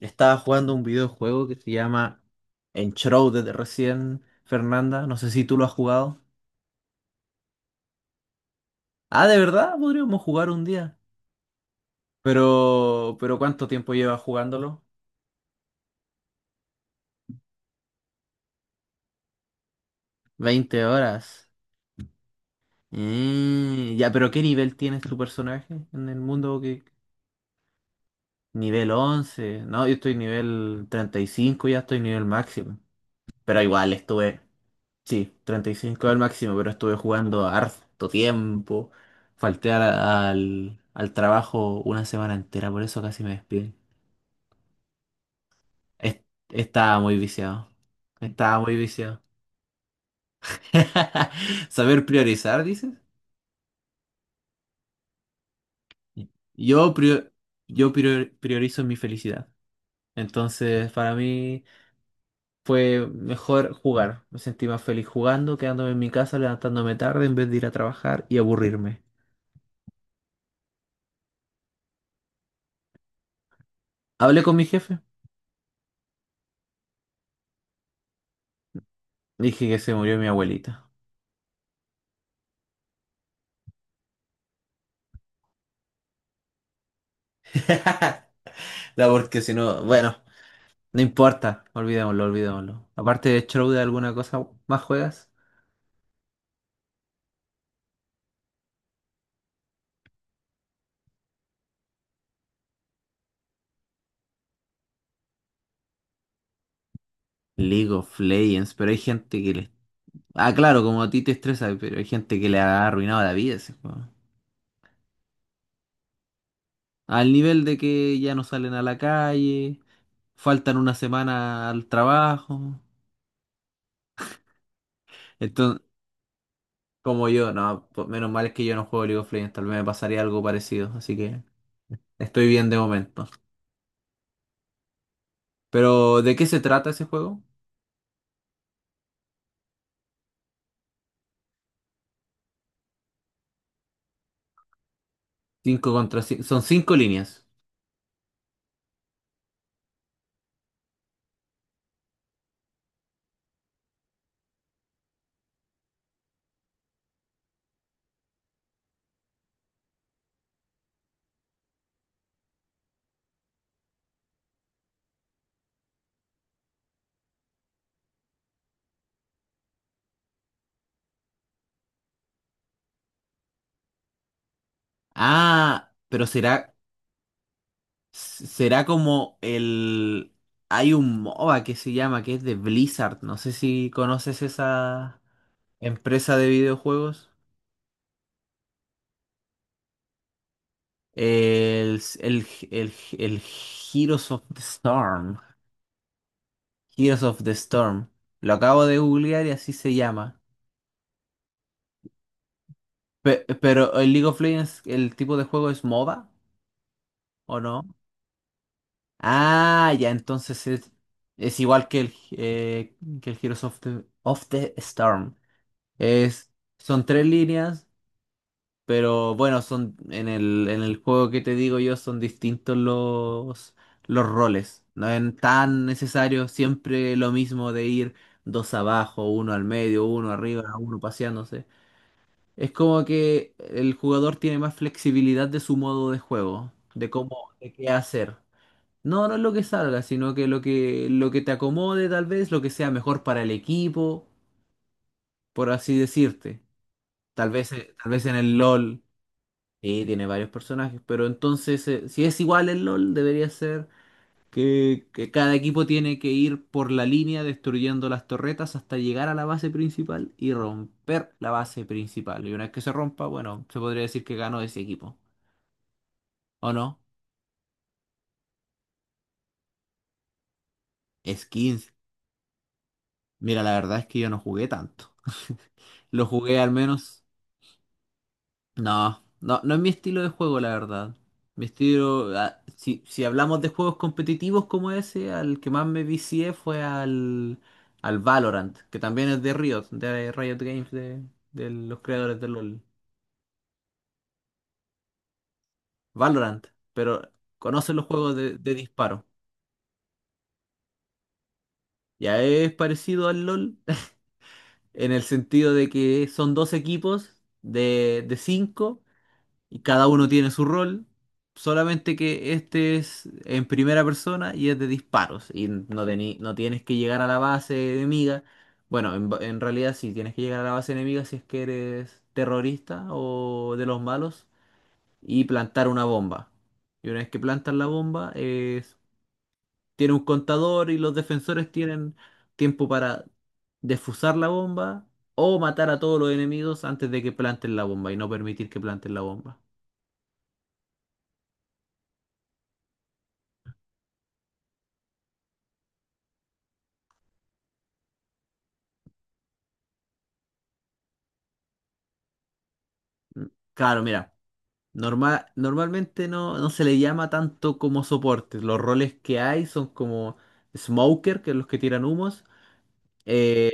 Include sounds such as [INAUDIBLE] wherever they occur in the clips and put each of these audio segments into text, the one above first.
Estaba jugando un videojuego que se llama Enshrouded recién, Fernanda. No sé si tú lo has jugado. Ah, de verdad, podríamos jugar un día. Pero ¿cuánto tiempo llevas jugándolo? 20 horas. Ya, pero ¿qué nivel tienes tu personaje en el mundo? Que nivel 11. No, yo estoy nivel 35, ya estoy nivel máximo. Pero igual estuve sí, 35 al máximo, pero estuve jugando harto tiempo. Falté al trabajo una semana entera, por eso casi me despiden. Es- Estaba muy viciado. Estaba muy viciado. [LAUGHS] Saber priorizar, dices. Yo, prio- yo priorizo mi felicidad. Entonces, para mí fue mejor jugar. Me sentí más feliz jugando, quedándome en mi casa, levantándome tarde en vez de ir a trabajar y aburrirme. Hablé con mi jefe. Dije que se murió mi abuelita. [LAUGHS] No, porque si no, bueno, no importa, olvidémoslo, olvidémoslo. Aparte de Shroud, ¿alguna cosa más juegas? League of Legends, pero hay gente que le... Ah, claro, como a ti te estresa, pero hay gente que le ha arruinado la vida ese juego. Al nivel de que ya no salen a la calle, faltan una semana al trabajo. Entonces, como yo, no, pues, menos mal es que yo no juego League of Legends, tal vez me pasaría algo parecido, así que estoy bien de momento. Pero, ¿de qué se trata ese juego? Cinco contra cinco. ¿Son cinco líneas? Ah, pero será. Será como el. Hay un MOBA que se llama, que es de Blizzard. No sé si conoces esa empresa de videojuegos. El, el, el Heroes of the Storm. Heroes of the Storm. Lo acabo de googlear y así se llama. Pero el League of Legends, el tipo de juego es MOBA, ¿o no? Ah, ya, entonces es igual que el Heroes of the Storm. Es, son tres líneas, pero bueno, son en el juego que te digo yo son distintos los roles. No es tan necesario siempre lo mismo de ir dos abajo, uno al medio, uno arriba, uno paseándose. Es como que el jugador tiene más flexibilidad de su modo de juego, de cómo, de qué hacer. No, no es lo que salga, sino que lo que te acomode tal vez, lo que sea mejor para el equipo, por así decirte. Tal vez en el LOL, y tiene varios personajes, pero entonces, si es igual el LOL, debería ser que cada equipo tiene que ir por la línea destruyendo las torretas hasta llegar a la base principal y romper la base principal. Y una vez que se rompa, bueno, se podría decir que ganó ese equipo. ¿O no? Es 15. Mira, la verdad es que yo no jugué tanto. [LAUGHS] Lo jugué al menos. No, no, no es mi estilo de juego, la verdad. Mi estilo, ah, si hablamos de juegos competitivos como ese, al que más me vicié fue al Valorant, que también es de Riot Games, de los creadores de LoL. Valorant, pero conocen los juegos de disparo. Ya es parecido al LoL, [LAUGHS] en el sentido de que son dos equipos de cinco y cada uno tiene su rol, solamente que este es en primera persona y es de disparos y no, no tienes que llegar a la base enemiga. Bueno, en, en realidad sí tienes que llegar a la base enemiga si es que eres terrorista o de los malos y plantar una bomba. Y una vez que plantas la bomba, tiene un contador y los defensores tienen tiempo para defusar la bomba o matar a todos los enemigos antes de que planten la bomba y no permitir que planten la bomba. Claro, mira. Normalmente no, no se le llama tanto como soporte. Los roles que hay son como smoker, que es los que tiran humos. Eh,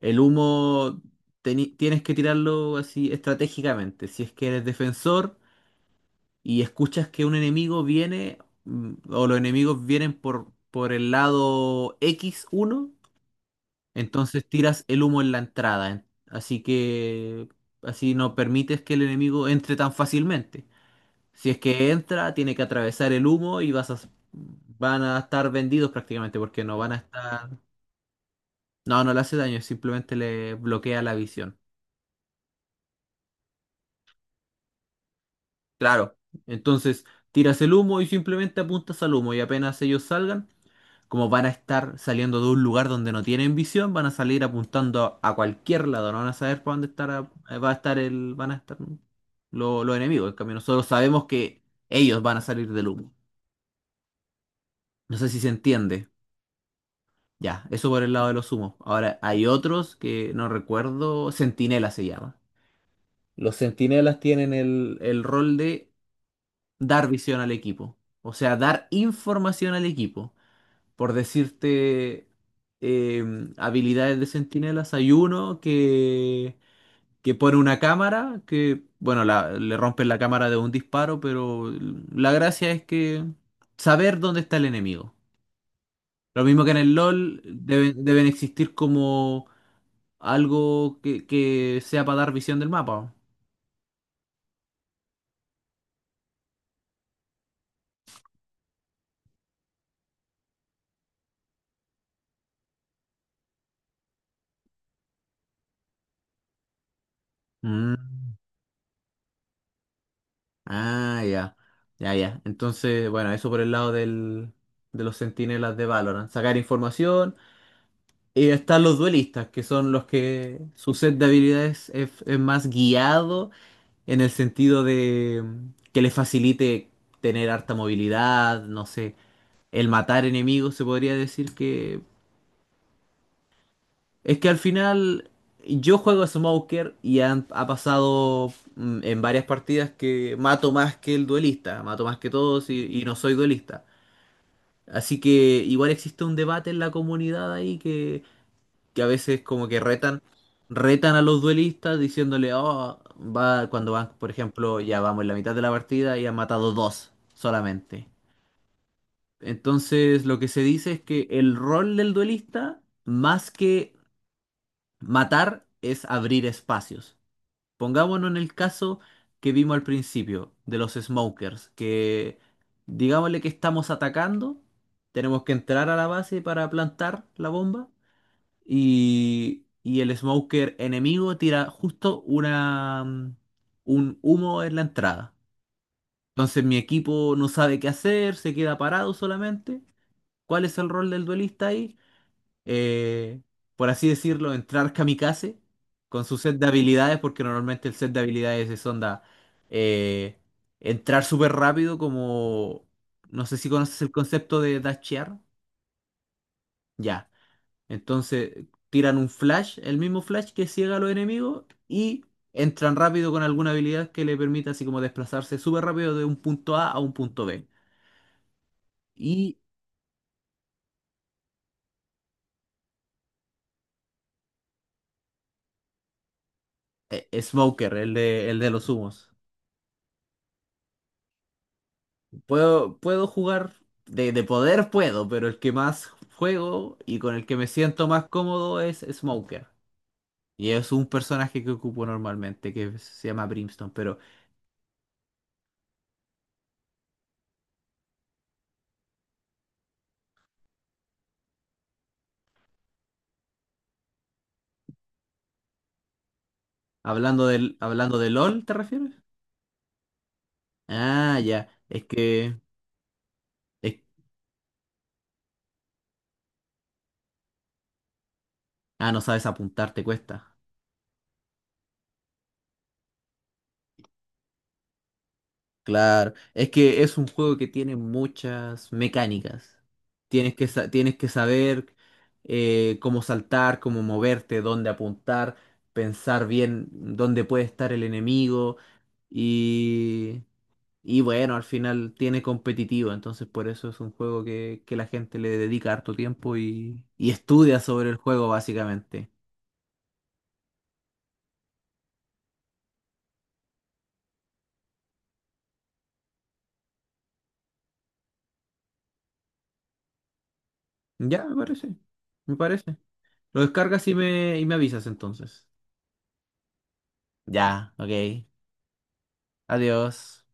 el humo tienes que tirarlo así estratégicamente. Si es que eres defensor y escuchas que un enemigo viene o los enemigos vienen por el lado x uno entonces tiras el humo en la entrada. Así que así no permites que el enemigo entre tan fácilmente. Si es que entra, tiene que atravesar el humo y van a estar vendidos prácticamente porque no van a estar... No, no le hace daño, simplemente le bloquea la visión. Claro. Entonces, tiras el humo y simplemente apuntas al humo y apenas ellos salgan, como van a estar saliendo de un lugar donde no tienen visión, van a salir apuntando a cualquier lado, no van a saber para dónde estar, va a estar el, van a estar los enemigos. En cambio, nosotros sabemos que ellos van a salir del humo. No sé si se entiende. Ya, eso por el lado de los humos. Ahora, hay otros que no recuerdo, Centinela se llama. Los centinelas tienen el rol de dar visión al equipo, o sea, dar información al equipo. Por decirte habilidades de centinelas, hay uno que pone una cámara, que, bueno, le rompen la cámara de un disparo, pero la gracia es que saber dónde está el enemigo. Lo mismo que en el LOL, deben existir algo que sea para dar visión del mapa. Mm. Ah, ya. Ya, ya. Entonces, bueno, eso por el lado del, de los centinelas de Valorant. Sacar información. Y están los duelistas, que son los que su set de habilidades es más guiado en el sentido de que les facilite tener harta movilidad, no sé, el matar enemigos, se podría decir que es que al final yo juego a Smoker y ha pasado en varias partidas que mato más que el duelista, mato más que todos y no soy duelista. Así que igual existe un debate en la comunidad ahí que a veces como que retan, retan a los duelistas diciéndole, oh, va, cuando van, por ejemplo, ya vamos en la mitad de la partida y han matado dos solamente. Entonces lo que se dice es que el rol del duelista, más que matar es abrir espacios. Pongámonos en el caso que vimos al principio de los smokers, que digámosle que estamos atacando, tenemos que entrar a la base para plantar la bomba y el smoker enemigo tira justo un humo en la entrada. Entonces mi equipo no sabe qué hacer, se queda parado solamente. ¿Cuál es el rol del duelista ahí? eh, por así decirlo, entrar kamikaze con su set de habilidades, porque normalmente el set de habilidades es onda eh, entrar súper rápido, como no sé si conoces el concepto de dashear. Ya. Entonces tiran un flash, el mismo flash que ciega a los enemigos y entran rápido con alguna habilidad que le permita así como desplazarse súper rápido de un punto A a un punto B. Y Smoker, el de los humos. Puedo, puedo jugar, de poder puedo, pero el que más juego y con el que me siento más cómodo es Smoker. Y es un personaje que ocupo normalmente, que se llama Brimstone. Pero hablando del, hablando de LOL, ¿te refieres? Ah, ya. Es que... es- ah, no sabes apuntar, te cuesta. Claro, es que es un juego que tiene muchas mecánicas. Tienes que, tienes que saber cómo saltar, cómo moverte, dónde apuntar, pensar bien dónde puede estar el enemigo y, y bueno, al final tiene competitivo, entonces por eso es un juego que la gente le dedica harto tiempo y estudia sobre el juego básicamente. Ya, me parece, me parece. Lo descargas y y me avisas entonces. Ya, ok. Adiós.